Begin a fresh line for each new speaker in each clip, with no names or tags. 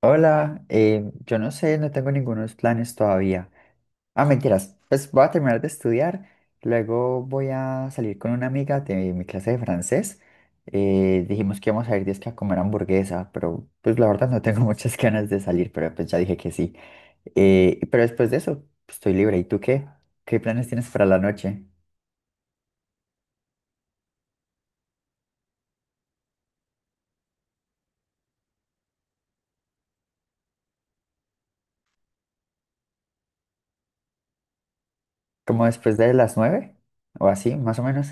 Hola, yo no sé, no tengo ningunos planes todavía. Ah, mentiras, pues voy a terminar de estudiar, luego voy a salir con una amiga de mi clase de francés. Dijimos que íbamos a ir disque a comer hamburguesa, pero pues la verdad no tengo muchas ganas de salir, pero pues ya dije que sí. Pero después de eso, pues, estoy libre. ¿Y tú qué? ¿Qué planes tienes para la noche? ¿Como después de las 9? ¿O así, más o menos?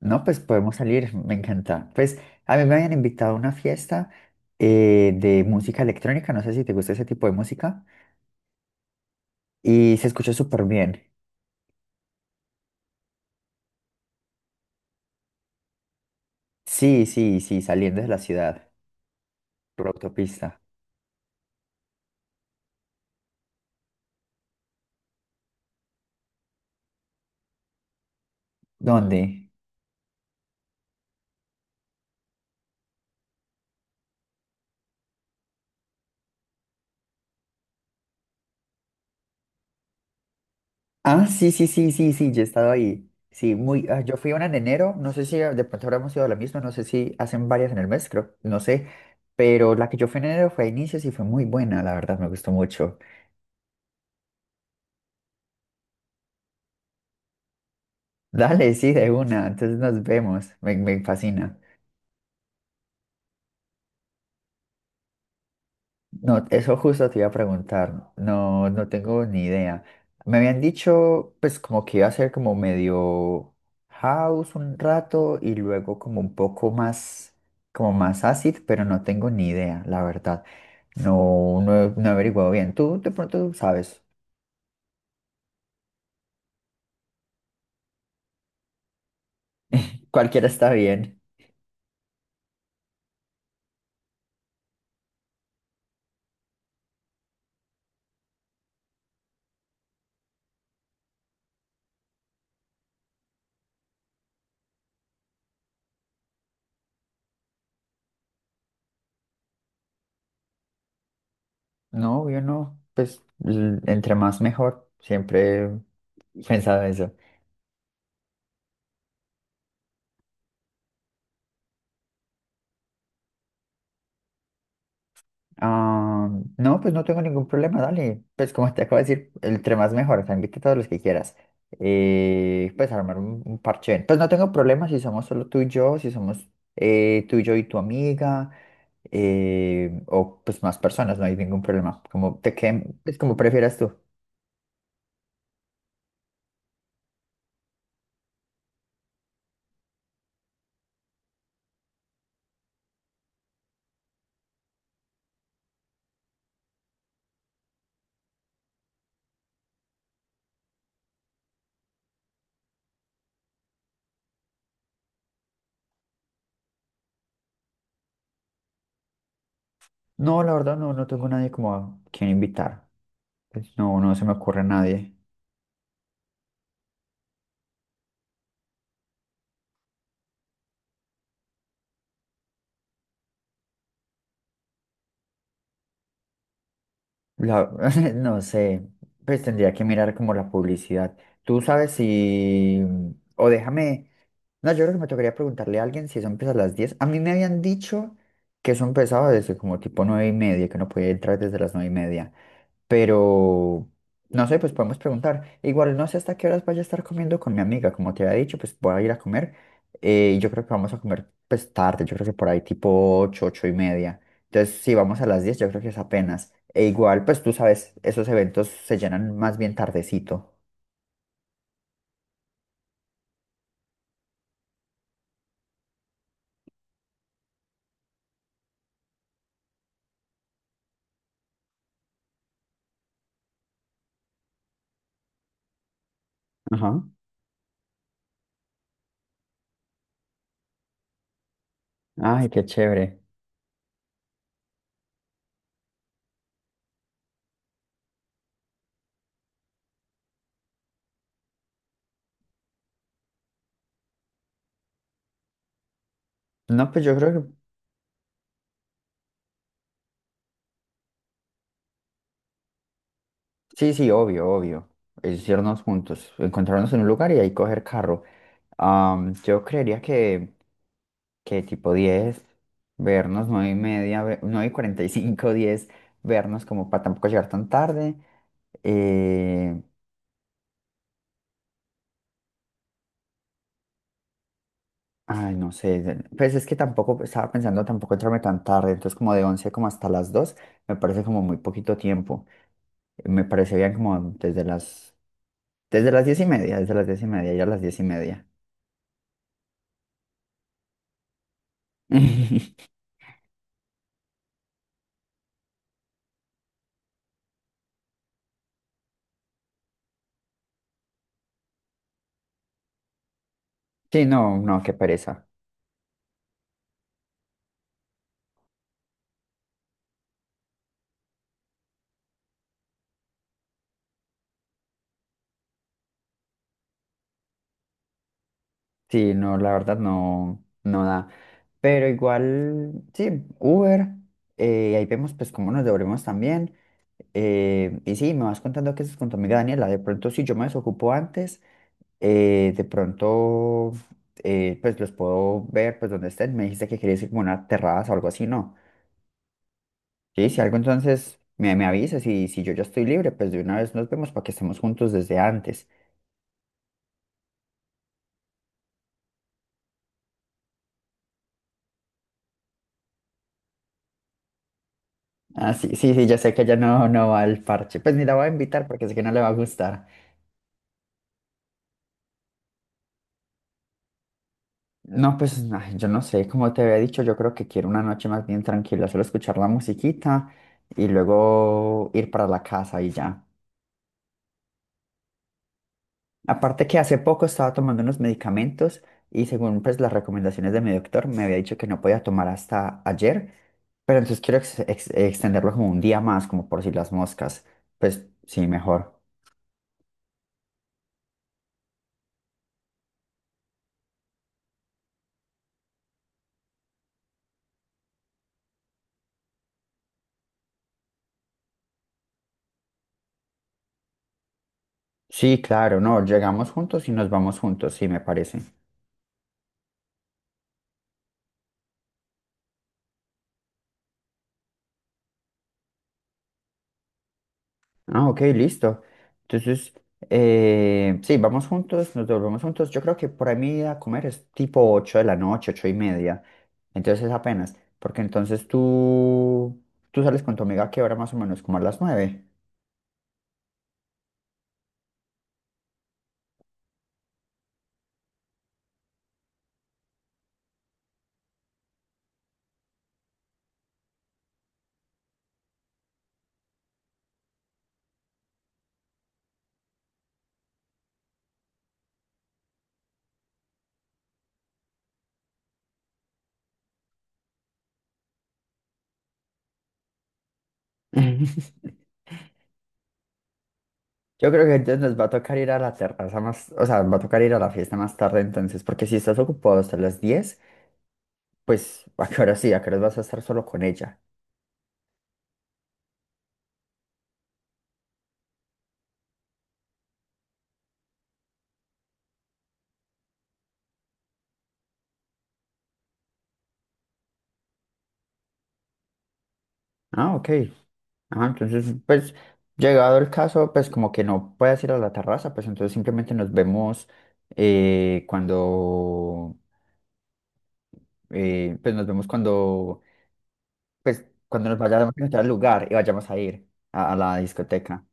No, pues podemos salir, me encanta. Pues a mí me habían invitado a una fiesta de música electrónica, no sé si te gusta ese tipo de música, y se escuchó súper bien. Sí, sí, sí, saliendo de la ciudad, por autopista. ¿Dónde? Ah, sí, sí, sí, sí, sí, yo he estado ahí. Sí, muy, ah, yo fui a una en enero, no sé si de pronto ahora hemos ido a la misma, no sé si hacen varias en el mes, creo, no sé, pero la que yo fui en enero fue a inicios y fue muy buena, la verdad, me gustó mucho. Dale, sí, de una, entonces nos vemos, me fascina. No, eso justo te iba a preguntar. No, no tengo ni idea. Me habían dicho, pues, como que iba a ser como medio house un rato y luego como un poco más, como más acid, pero no tengo ni idea, la verdad. No, no, he no he averiguado bien. Tú de pronto sabes. Cualquiera está bien. No, yo no. Pues, entre más mejor. Siempre he pensado eso. Ah, no, pues no tengo ningún problema, dale. Pues como te acabo de decir, entre más mejor, o sea, invita a todos los que quieras. Pues armar un parche. Pues no tengo problema si somos solo tú y yo, si somos tú y yo y tu amiga, o pues más personas, no hay ningún problema. Como te queden, es como prefieras tú. No, la verdad no, no tengo nadie como a quien invitar. Pues no, no se me ocurre a nadie. La- no sé, pues tendría que mirar como la publicidad. Tú sabes si, o déjame. No, yo creo que me tocaría preguntarle a alguien si eso empieza a las 10. A mí me habían dicho que eso empezaba desde como tipo 9:30, que no podía entrar desde las 9:30. Pero no sé, pues podemos preguntar. Igual no sé hasta qué horas vaya a estar comiendo con mi amiga. Como te había dicho, pues voy a ir a comer. Y yo creo que vamos a comer pues tarde. Yo creo que por ahí tipo 8 8:30. Entonces, si vamos a las 10 yo creo que es apenas. E igual, pues tú sabes, esos eventos se llenan más bien tardecito. Ajá. Ay, qué chévere. No, pues yo creo que sí, sí, obvio, obvio. Es irnos juntos, encontrarnos en un lugar y ahí coger carro. Yo creería que tipo 10, vernos 9:30, 9 y cuarenta y cinco, 10, vernos como para tampoco llegar tan tarde. Eh, Ay, no sé, pues es que tampoco estaba pensando tampoco entrarme tan tarde, entonces como de 11 como hasta las 2 me parece como muy poquito tiempo. Me parece bien como desde las 10:30, desde las 10:30, ya a las 10:30. Sí, no, no, qué pereza. Sí, no, la verdad no, no da. Pero igual, sí, Uber, ahí vemos pues cómo nos devolvemos también. Y sí, me vas contando que es con tu amiga Daniela. De pronto, si yo me desocupo antes, de pronto, pues los puedo ver, pues donde estén. Me dijiste que querías ir como a una terraza o algo así, ¿no? Sí, si algo entonces me avisas y si yo ya estoy libre, pues de una vez nos vemos para que estemos juntos desde antes. Ah, sí, sí, sí, ya sé que ella no, no va al parche. Pues ni la voy a invitar porque sé que no le va a gustar. No, pues ay, yo no sé, como te había dicho, yo creo que quiero una noche más bien tranquila, solo escuchar la musiquita y luego ir para la casa y ya. Aparte que hace poco estaba tomando unos medicamentos y según pues las recomendaciones de mi doctor me había dicho que no podía tomar hasta ayer, pero entonces quiero extenderlo como un día más, como por si las moscas. Pues sí, mejor. Sí, claro, no, llegamos juntos y nos vamos juntos, sí, me parece. Ah, ok, listo. Entonces, sí, vamos juntos, nos devolvemos juntos. Yo creo que por ahí mi ida a comer es tipo 8 de la noche, 8:30. Entonces apenas, porque entonces tú sales con tu amiga, ¿que hora más o menos, como a las 9? Yo creo que entonces nos va a tocar ir a la terraza más, o sea, va a tocar ir a la fiesta más tarde entonces, porque si estás ocupado hasta las 10, pues a qué hora sí, a qué hora vas a estar solo con ella. Ah, ok. Ah, entonces, pues, llegado el caso, pues como que no puedas ir a la terraza, pues entonces simplemente nos vemos cuando, pues nos vemos cuando, pues cuando nos vayamos a encontrar el lugar y vayamos a ir a la discoteca.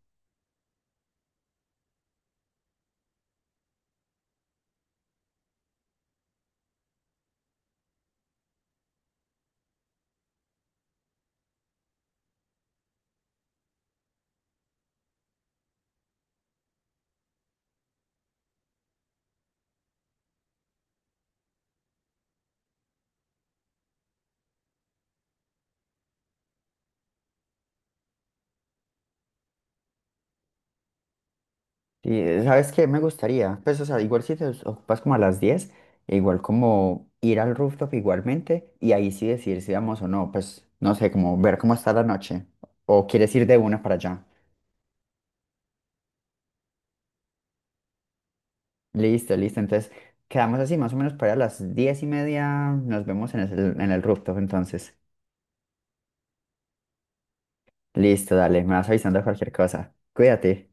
Y ¿sabes qué? Me gustaría, pues, o sea, igual si te ocupas como a las 10, e igual como ir al rooftop igualmente y ahí sí decidir si vamos o no, pues, no sé, como ver cómo está la noche o quieres ir de una para allá. Listo, listo. Entonces, quedamos así, más o menos para las 10:30. Nos vemos en el, rooftop, entonces. Listo, dale, me vas avisando cualquier cosa. Cuídate.